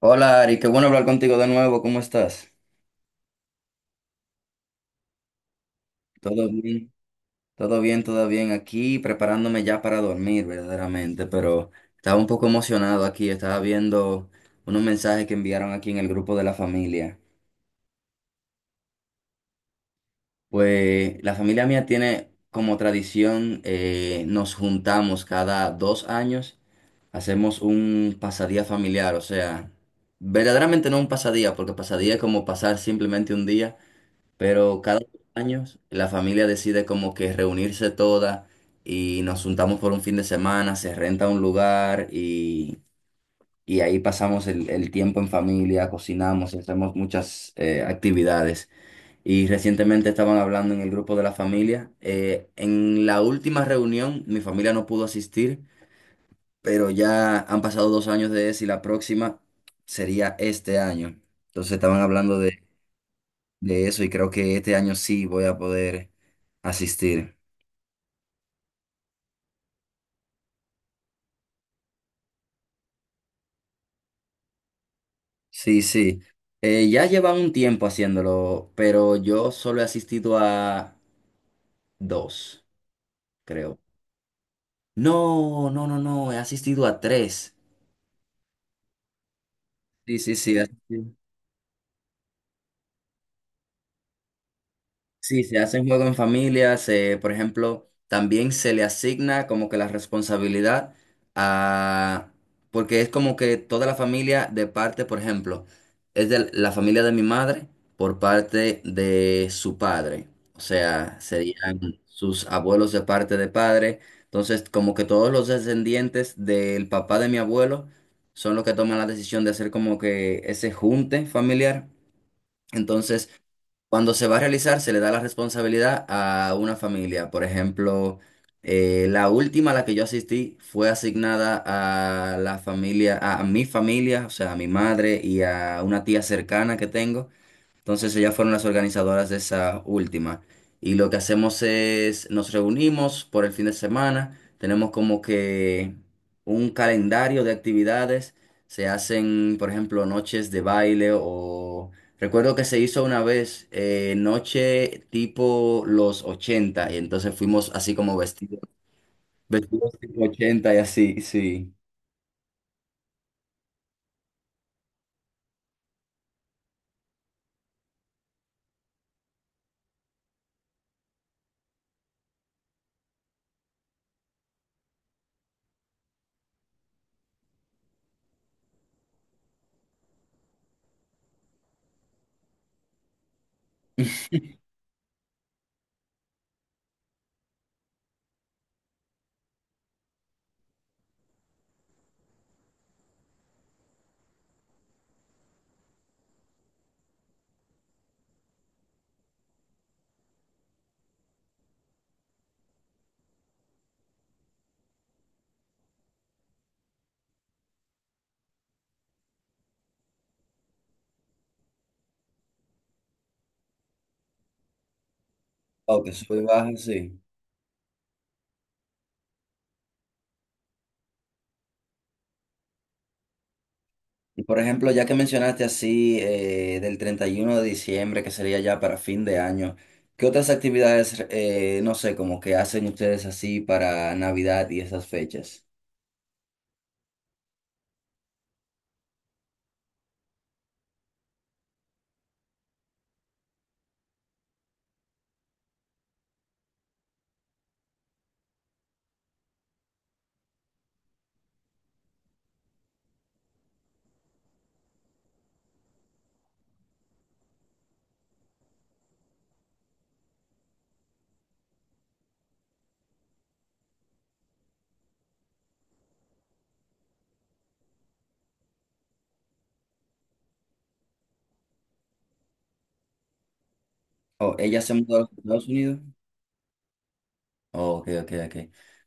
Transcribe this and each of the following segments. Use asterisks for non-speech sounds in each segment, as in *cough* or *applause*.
Hola Ari, qué bueno hablar contigo de nuevo, ¿cómo estás? ¿Todo bien? Todo bien, todo bien. Aquí preparándome ya para dormir verdaderamente, pero estaba un poco emocionado aquí, estaba viendo unos mensajes que enviaron aquí en el grupo de la familia. Pues la familia mía tiene como tradición, nos juntamos cada 2 años, hacemos un pasadía familiar, o sea, verdaderamente no un pasadía, porque pasadía es como pasar simplemente un día. Pero cada 2 años la familia decide como que reunirse toda y nos juntamos por un fin de semana, se renta un lugar y ahí pasamos el tiempo en familia, cocinamos y hacemos muchas actividades. Y recientemente estaban hablando en el grupo de la familia. En la última reunión mi familia no pudo asistir, pero ya han pasado 2 años de eso y la próxima sería este año. Entonces estaban hablando de eso y creo que este año sí voy a poder asistir. Sí, sí. Ya llevan un tiempo haciéndolo, pero yo solo he asistido a dos, creo. No, no, no, no, he asistido a tres. Sí, sí, sí. He asistido. Sí, se hacen juegos en familia, se, por ejemplo, también se le asigna como que la responsabilidad a, porque es como que toda la familia de parte, por ejemplo, es de la familia de mi madre por parte de su padre, o sea, serían sus abuelos de parte de padre, entonces como que todos los descendientes del papá de mi abuelo son los que toman la decisión de hacer como que ese junte familiar. Entonces, cuando se va a realizar, se le da la responsabilidad a una familia. Por ejemplo, la última a la que yo asistí fue asignada a la familia, a mi familia, o sea, a mi madre y a una tía cercana que tengo. Entonces ellas fueron las organizadoras de esa última. Y lo que hacemos es, nos reunimos por el fin de semana, tenemos como que un calendario de actividades, se hacen, por ejemplo, noches de baile o... Recuerdo que se hizo una vez noche tipo los 80 y entonces fuimos así como vestidos, vestidos tipo 80 y así, sí. Oh, que sube y baja, sí. Y por ejemplo, ya que mencionaste así del 31 de diciembre, que sería ya para fin de año, ¿qué otras actividades, no sé, como que hacen ustedes así para Navidad y esas fechas? ¿O ella se mudó a los Estados Unidos? Ok, ok, ok.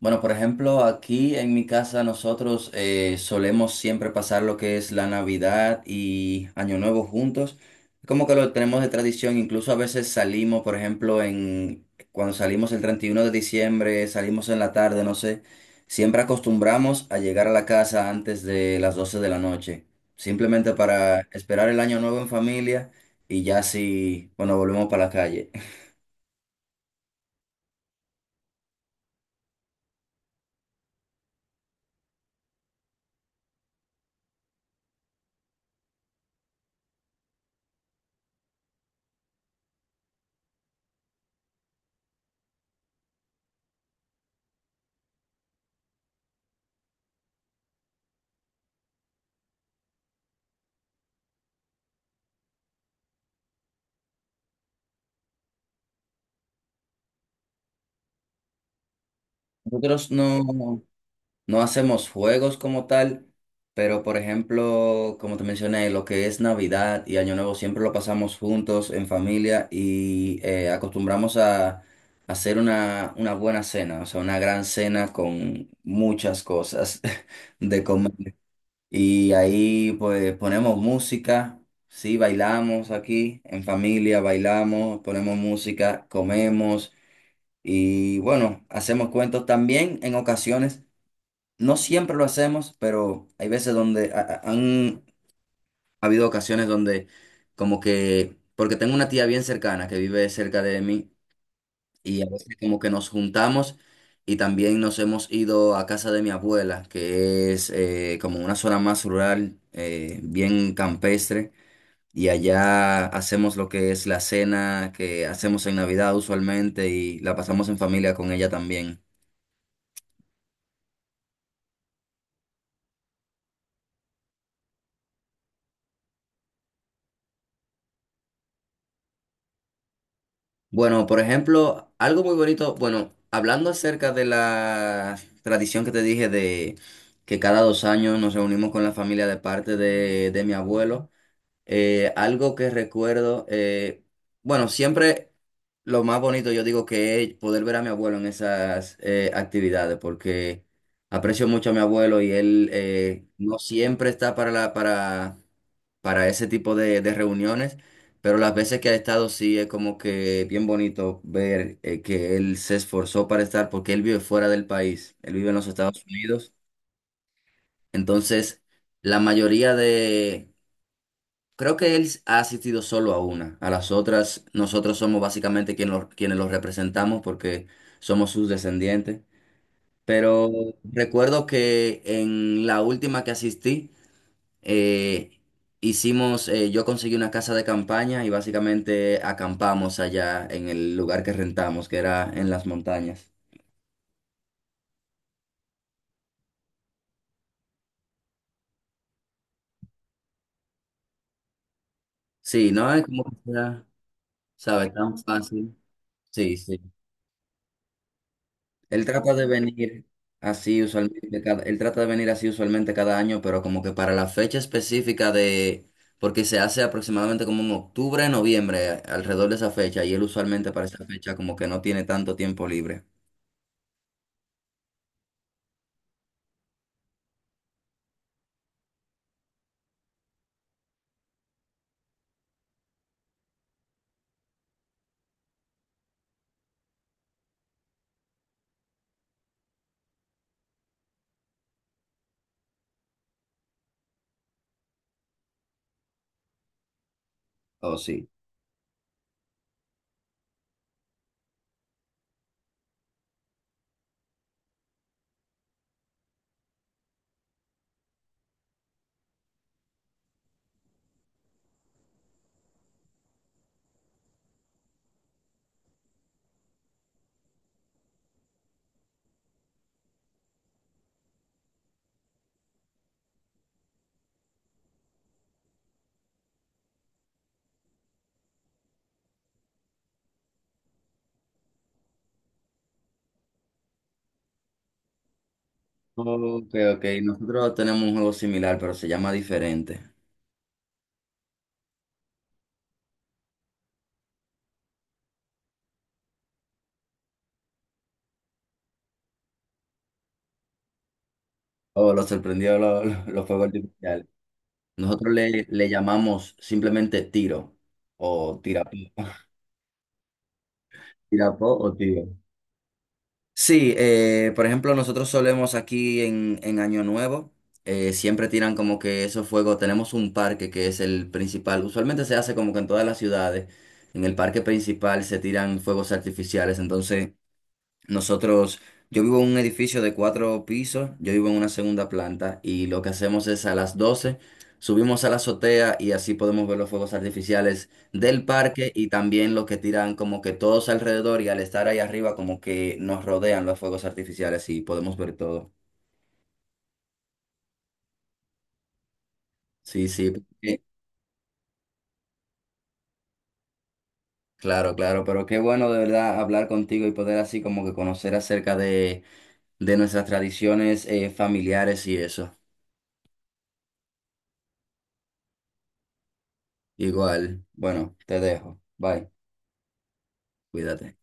Bueno, por ejemplo, aquí en mi casa nosotros solemos siempre pasar lo que es la Navidad y Año Nuevo juntos. Como que lo tenemos de tradición, incluso a veces salimos, por ejemplo, en cuando salimos el 31 de diciembre, salimos en la tarde, no sé, siempre acostumbramos a llegar a la casa antes de las 12 de la noche, simplemente para esperar el Año Nuevo en familia y ya si, bueno, volvemos para la calle. *laughs* Nosotros no. No hacemos juegos como tal, pero por ejemplo, como te mencioné, lo que es Navidad y Año Nuevo siempre lo pasamos juntos en familia y acostumbramos a hacer una buena cena, o sea, una gran cena con muchas cosas *laughs* de comer. Y ahí pues ponemos música, sí, bailamos aquí en familia, bailamos, ponemos música, comemos y bueno, hacemos cuentos también en ocasiones. No siempre lo hacemos, pero hay veces donde han habido ocasiones donde como que, porque tengo una tía bien cercana que vive cerca de mí y a veces como que nos juntamos y también nos hemos ido a casa de mi abuela, que es como una zona más rural, bien campestre, y allá hacemos lo que es la cena que hacemos en Navidad usualmente y la pasamos en familia con ella también. Bueno, por ejemplo, algo muy bonito, bueno, hablando acerca de la tradición que te dije de que cada 2 años nos reunimos con la familia de parte de mi abuelo, algo que recuerdo, bueno, siempre... Lo más bonito, yo digo que es poder ver a mi abuelo en esas actividades, porque aprecio mucho a mi abuelo y él no siempre está para la, para ese tipo de reuniones, pero las veces que ha estado sí es como que bien bonito ver que él se esforzó para estar, porque él vive fuera del país, él vive en los Estados Unidos, entonces la mayoría de, creo que él ha asistido solo a una. A las otras, nosotros somos básicamente quienes los representamos porque somos sus descendientes. Pero recuerdo que en la última que asistí, eh, hicimos, yo conseguí una casa de campaña y básicamente acampamos allá en el lugar que rentamos, que era en las montañas. Sí, no es como que sea, ¿sabes? Tan fácil. Sí, sí. Él trata de venir así usualmente cada, él trata de venir así usualmente cada año, pero como que para la fecha específica de, porque se hace aproximadamente como en octubre, noviembre, alrededor de esa fecha, y él usualmente para esa fecha como que no tiene tanto tiempo libre. Oh, sí. Ok, ok. Nosotros tenemos un juego similar, pero se llama diferente. Oh, lo sorprendió los fuegos artificiales. Nosotros le llamamos simplemente tiro o tirapó. *laughs* Tirapó o tiro. Sí, por ejemplo, nosotros solemos aquí en Año Nuevo, siempre tiran como que esos fuegos, tenemos un parque que es el principal, usualmente se hace como que en todas las ciudades, en el parque principal se tiran fuegos artificiales, entonces... Nosotros, yo vivo en un edificio de cuatro pisos, yo vivo en una segunda planta y lo que hacemos es a las 12 subimos a la azotea y así podemos ver los fuegos artificiales del parque y también los que tiran como que todos alrededor y al estar ahí arriba como que nos rodean los fuegos artificiales y podemos ver todo. Sí, sí, eh, claro, claro, pero qué bueno de verdad hablar contigo y poder así como que conocer acerca de nuestras tradiciones familiares y eso. Igual, bueno, te dejo. Bye. Cuídate.